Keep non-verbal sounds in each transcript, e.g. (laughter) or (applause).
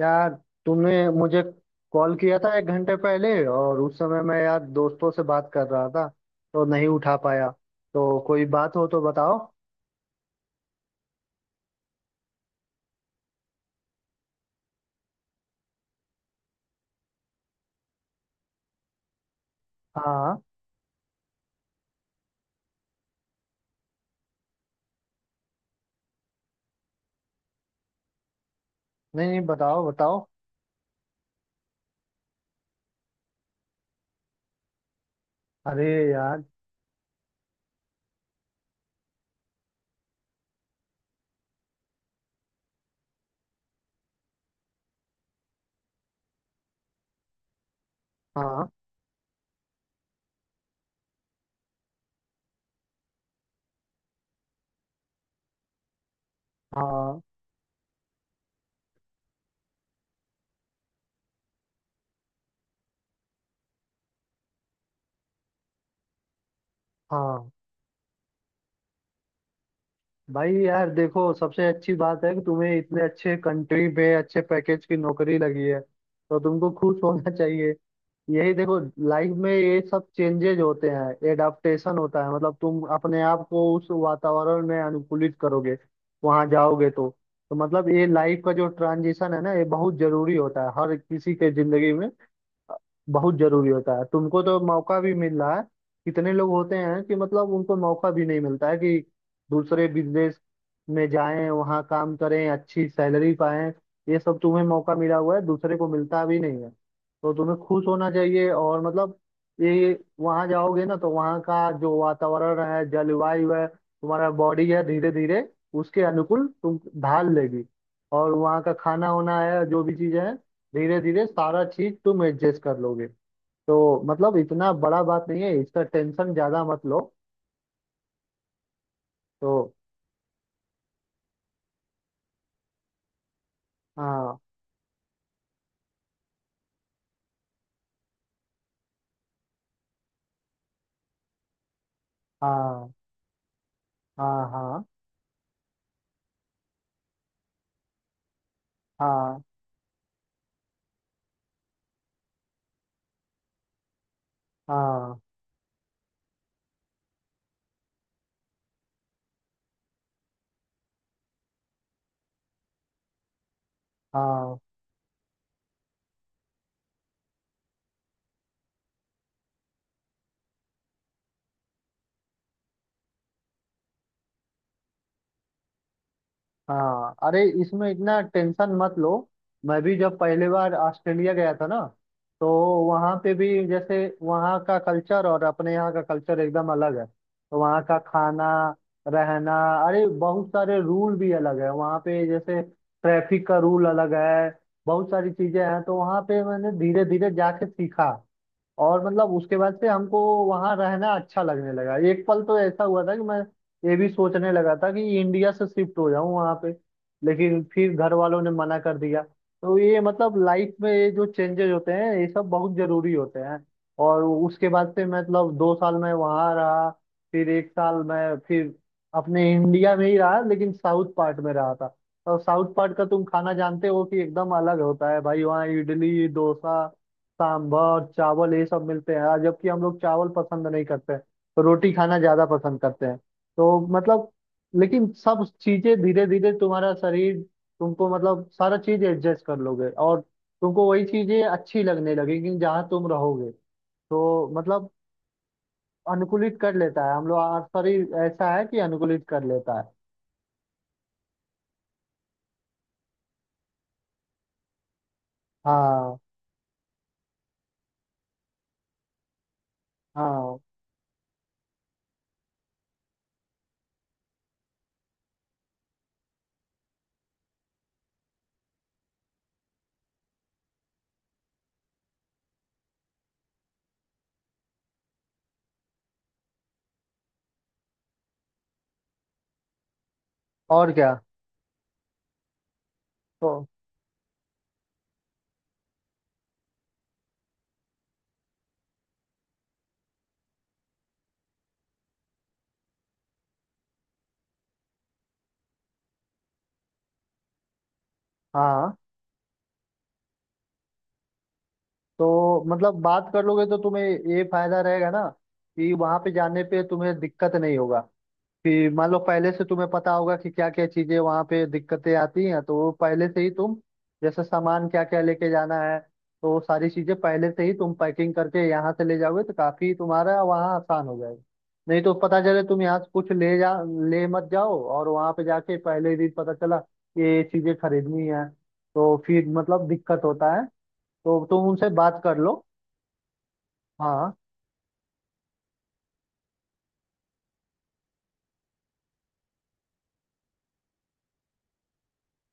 यार, तुमने मुझे कॉल किया था एक घंटे पहले और उस समय मैं यार दोस्तों से बात कर रहा था, तो नहीं उठा पाया। तो कोई बात हो तो बताओ। हाँ हाँ। नहीं नहीं, बताओ बताओ। अरे यार। हाँ हाँ। हाँ भाई यार देखो, सबसे अच्छी बात है कि तुम्हें इतने अच्छे कंट्री पे अच्छे पैकेज की नौकरी लगी है, तो तुमको खुश होना (laughs) चाहिए। यही देखो, लाइफ में ये सब चेंजेज होते हैं, एडाप्टेशन होता है, मतलब तुम अपने आप को उस वातावरण में अनुकूलित करोगे वहां जाओगे तो। तो मतलब ये लाइफ का जो ट्रांजिशन है ना, ये बहुत जरूरी होता है हर किसी के जिंदगी में। बहुत जरूरी होता है, तुमको तो मौका भी मिल रहा है। कितने लोग होते हैं कि मतलब उनको मौका भी नहीं मिलता है कि दूसरे बिजनेस में जाएं, वहाँ काम करें, अच्छी सैलरी पाएं। ये सब तुम्हें मौका मिला हुआ है, दूसरे को मिलता भी नहीं है। तो तुम्हें खुश होना चाहिए। और मतलब ये वहाँ जाओगे ना, तो वहाँ का जो वातावरण है, जलवायु है, तुम्हारा बॉडी है, धीरे धीरे उसके अनुकूल तुम ढाल लेगी। और वहाँ का खाना होना है, जो भी चीजें हैं, धीरे धीरे सारा चीज तुम एडजस्ट कर लोगे। तो मतलब इतना बड़ा बात नहीं है, इसका टेंशन ज्यादा मत लो। तो हाँ हाँ। हाँ हाँ। हाँ हाँ। हाँ हाँ। अरे इसमें इतना टेंशन मत लो। मैं भी जब पहली बार ऑस्ट्रेलिया गया था ना, तो वहाँ पे भी जैसे वहाँ का कल्चर और अपने यहाँ का कल्चर एकदम अलग है। तो वहाँ का खाना, रहना, अरे बहुत सारे रूल भी अलग है वहाँ पे, जैसे ट्रैफिक का रूल अलग है। बहुत सारी चीजें हैं, तो वहाँ पे मैंने धीरे धीरे जाके सीखा। और मतलब उसके बाद से हमको वहां रहना अच्छा लगने लगा। एक पल तो ऐसा हुआ था कि मैं ये भी सोचने लगा था कि इंडिया से शिफ्ट हो जाऊं वहां पे, लेकिन फिर घर वालों ने मना कर दिया। तो ये मतलब लाइफ में ये जो चेंजेस होते हैं, ये सब बहुत जरूरी होते हैं। और उसके बाद से मैं मतलब दो साल मैं वहां रहा, फिर एक साल मैं फिर अपने इंडिया में ही रहा, लेकिन साउथ पार्ट में रहा था। और साउथ पार्ट का तुम खाना जानते हो कि एकदम अलग होता है भाई। वहाँ इडली डोसा सांभर चावल ये सब मिलते हैं यार, जबकि हम लोग चावल पसंद नहीं करते, रोटी खाना ज्यादा पसंद करते हैं। तो मतलब, लेकिन सब चीजें धीरे धीरे तुम्हारा शरीर, तुमको मतलब सारा चीज एडजस्ट कर लोगे, और तुमको वही चीजें अच्छी लगने लगेंगी जहाँ तुम रहोगे। तो मतलब अनुकूलित कर लेता है, हम लोग हमारा शरीर ऐसा है कि अनुकूलित कर लेता है। हाँ हाँ और क्या। तो हाँ। तो मतलब बात कर लोगे तो तुम्हें ये फायदा रहेगा ना कि वहां पे जाने पे तुम्हें दिक्कत नहीं होगा। कि मान लो पहले से तुम्हें पता होगा कि क्या क्या चीजें वहां पे दिक्कतें आती हैं, तो वो पहले से ही तुम, जैसे सामान क्या क्या लेके जाना है, तो वो सारी चीजें पहले से ही तुम पैकिंग करके यहाँ से ले जाओगे, तो काफी तुम्हारा वहाँ आसान हो जाएगा। नहीं तो पता चले तुम यहाँ से कुछ ले मत जाओ और वहां पे जाके पहले ही दिन पता चला ये चीजें खरीदनी है, तो फिर मतलब दिक्कत होता है। तो तुम उनसे बात कर लो। हाँ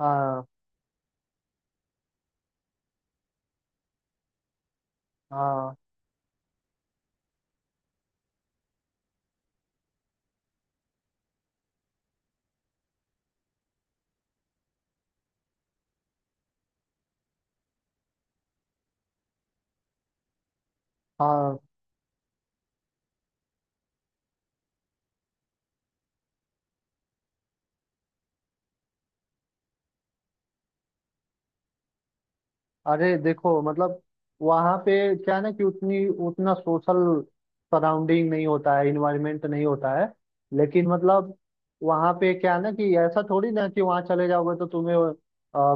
हाँ। हाँ हाँ। अरे देखो मतलब वहां पे क्या है ना कि उतनी उतना सोशल सराउंडिंग नहीं होता है, इन्वायरमेंट नहीं होता है। लेकिन मतलब वहां पे क्या है ना कि ऐसा थोड़ी ना कि वहां चले जाओगे तो तुम्हें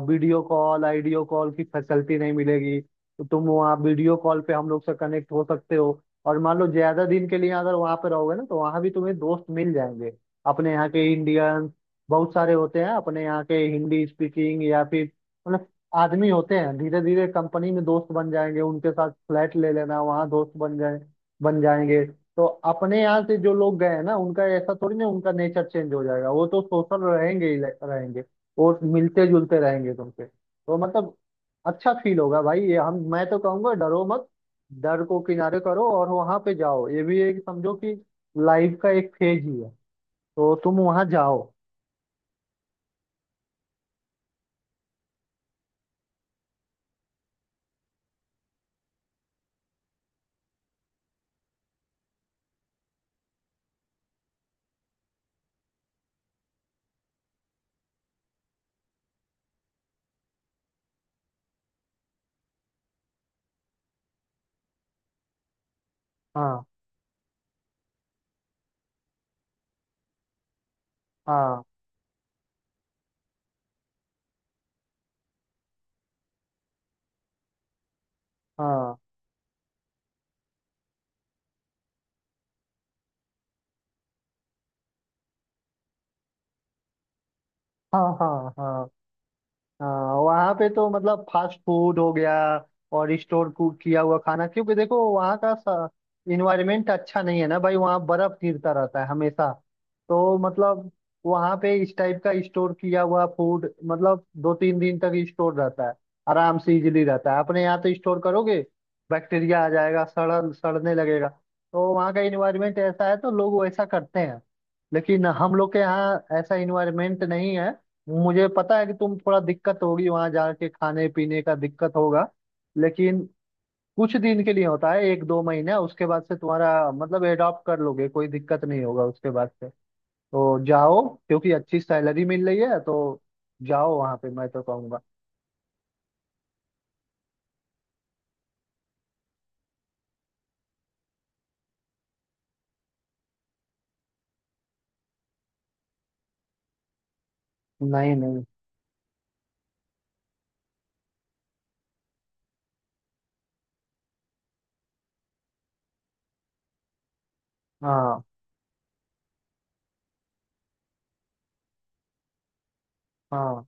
वीडियो कॉल आइडियो कॉल की फैसिलिटी नहीं मिलेगी। तो तुम वहाँ वीडियो कॉल पे हम लोग से कनेक्ट हो सकते हो। और मान लो ज्यादा दिन के लिए अगर वहां पे रहोगे ना, तो वहां भी तुम्हें दोस्त मिल जाएंगे। अपने यहाँ के इंडियन बहुत सारे होते हैं अपने यहाँ के, हिंदी स्पीकिंग या फिर मतलब आदमी होते हैं। धीरे धीरे कंपनी में दोस्त बन जाएंगे, उनके साथ फ्लैट ले लेना, वहां दोस्त बन जाएंगे। तो अपने यहाँ से जो लोग गए हैं ना, उनका ऐसा थोड़ी ना उनका नेचर चेंज हो जाएगा। वो तो सोशल रहेंगे ही रहेंगे। वो मिलते जुलते रहेंगे तुमसे, तो मतलब अच्छा फील होगा भाई। ये हम, मैं तो कहूंगा डरो मत, डर को किनारे करो और वहां पे जाओ। ये भी एक समझो कि लाइफ का एक फेज ही है। तो तुम वहां जाओ। हाँ हाँ। हाँ हाँ। हाँ हाँ। हाँ। वहाँ पे तो मतलब फास्ट फूड हो गया, और स्टोर कुक किया हुआ खाना, क्योंकि देखो वहाँ का इन्वायरमेंट अच्छा नहीं है ना भाई। वहाँ बर्फ गिरता रहता है हमेशा। तो मतलब वहाँ पे इस टाइप का स्टोर किया हुआ फूड मतलब दो तीन दिन तक स्टोर रहता है, आराम से इजिली रहता है। अपने यहाँ तो स्टोर करोगे, बैक्टीरिया आ जाएगा, सड़ सड़ने लगेगा। तो वहाँ का इन्वायरमेंट ऐसा है, तो लोग वैसा करते हैं। लेकिन हम लोग के यहाँ ऐसा इन्वायरमेंट नहीं है। मुझे पता है कि तुम थोड़ा दिक्कत होगी वहां जाके, खाने पीने का दिक्कत होगा, लेकिन कुछ दिन के लिए होता है, एक दो महीने। उसके बाद से तुम्हारा मतलब एडॉप्ट कर लोगे, कोई दिक्कत नहीं होगा उसके बाद से। तो जाओ, क्योंकि अच्छी सैलरी मिल रही है, तो जाओ वहां पे, मैं तो कहूंगा। नहीं नहीं। हाँ हाँ।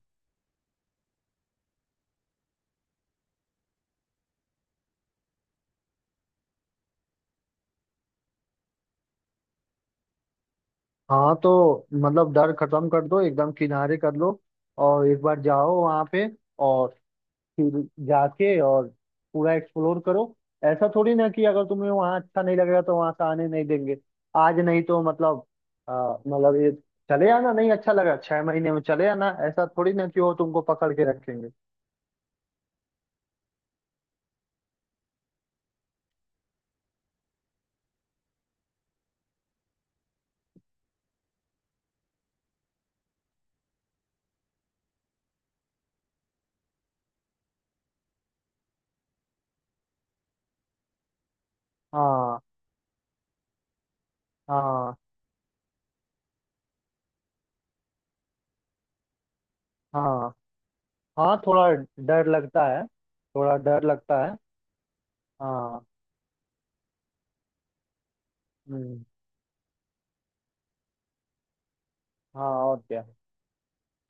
हाँ तो मतलब डर खत्म कर दो, एकदम किनारे कर लो, और एक बार जाओ वहां पे, और फिर जाके और पूरा एक्सप्लोर करो। ऐसा थोड़ी ना कि अगर तुम्हें वहाँ अच्छा नहीं लगेगा तो वहां से आने नहीं देंगे। आज नहीं तो मतलब मतलब ये, चले आना, नहीं अच्छा लगा छह महीने में चले आना, ऐसा थोड़ी ना कि वो तुमको पकड़ के रखेंगे। हाँ हाँ। हाँ हाँ, थोड़ा डर लगता है, थोड़ा डर लगता है। हाँ। हम्म। हाँ और क्या।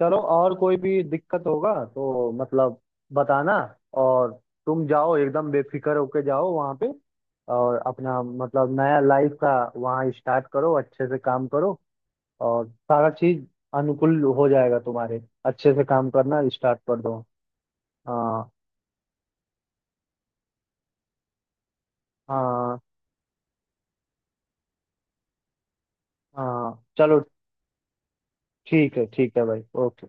चलो, और कोई भी दिक्कत होगा तो मतलब बताना। और तुम जाओ, एकदम बेफिक्र होके जाओ वहाँ पे। और अपना मतलब नया लाइफ का वहाँ स्टार्ट करो, अच्छे से काम करो, और सारा चीज अनुकूल हो जाएगा तुम्हारे। अच्छे से काम करना स्टार्ट कर दो। हाँ हाँ। हाँ चलो। ठीक है भाई, ओके।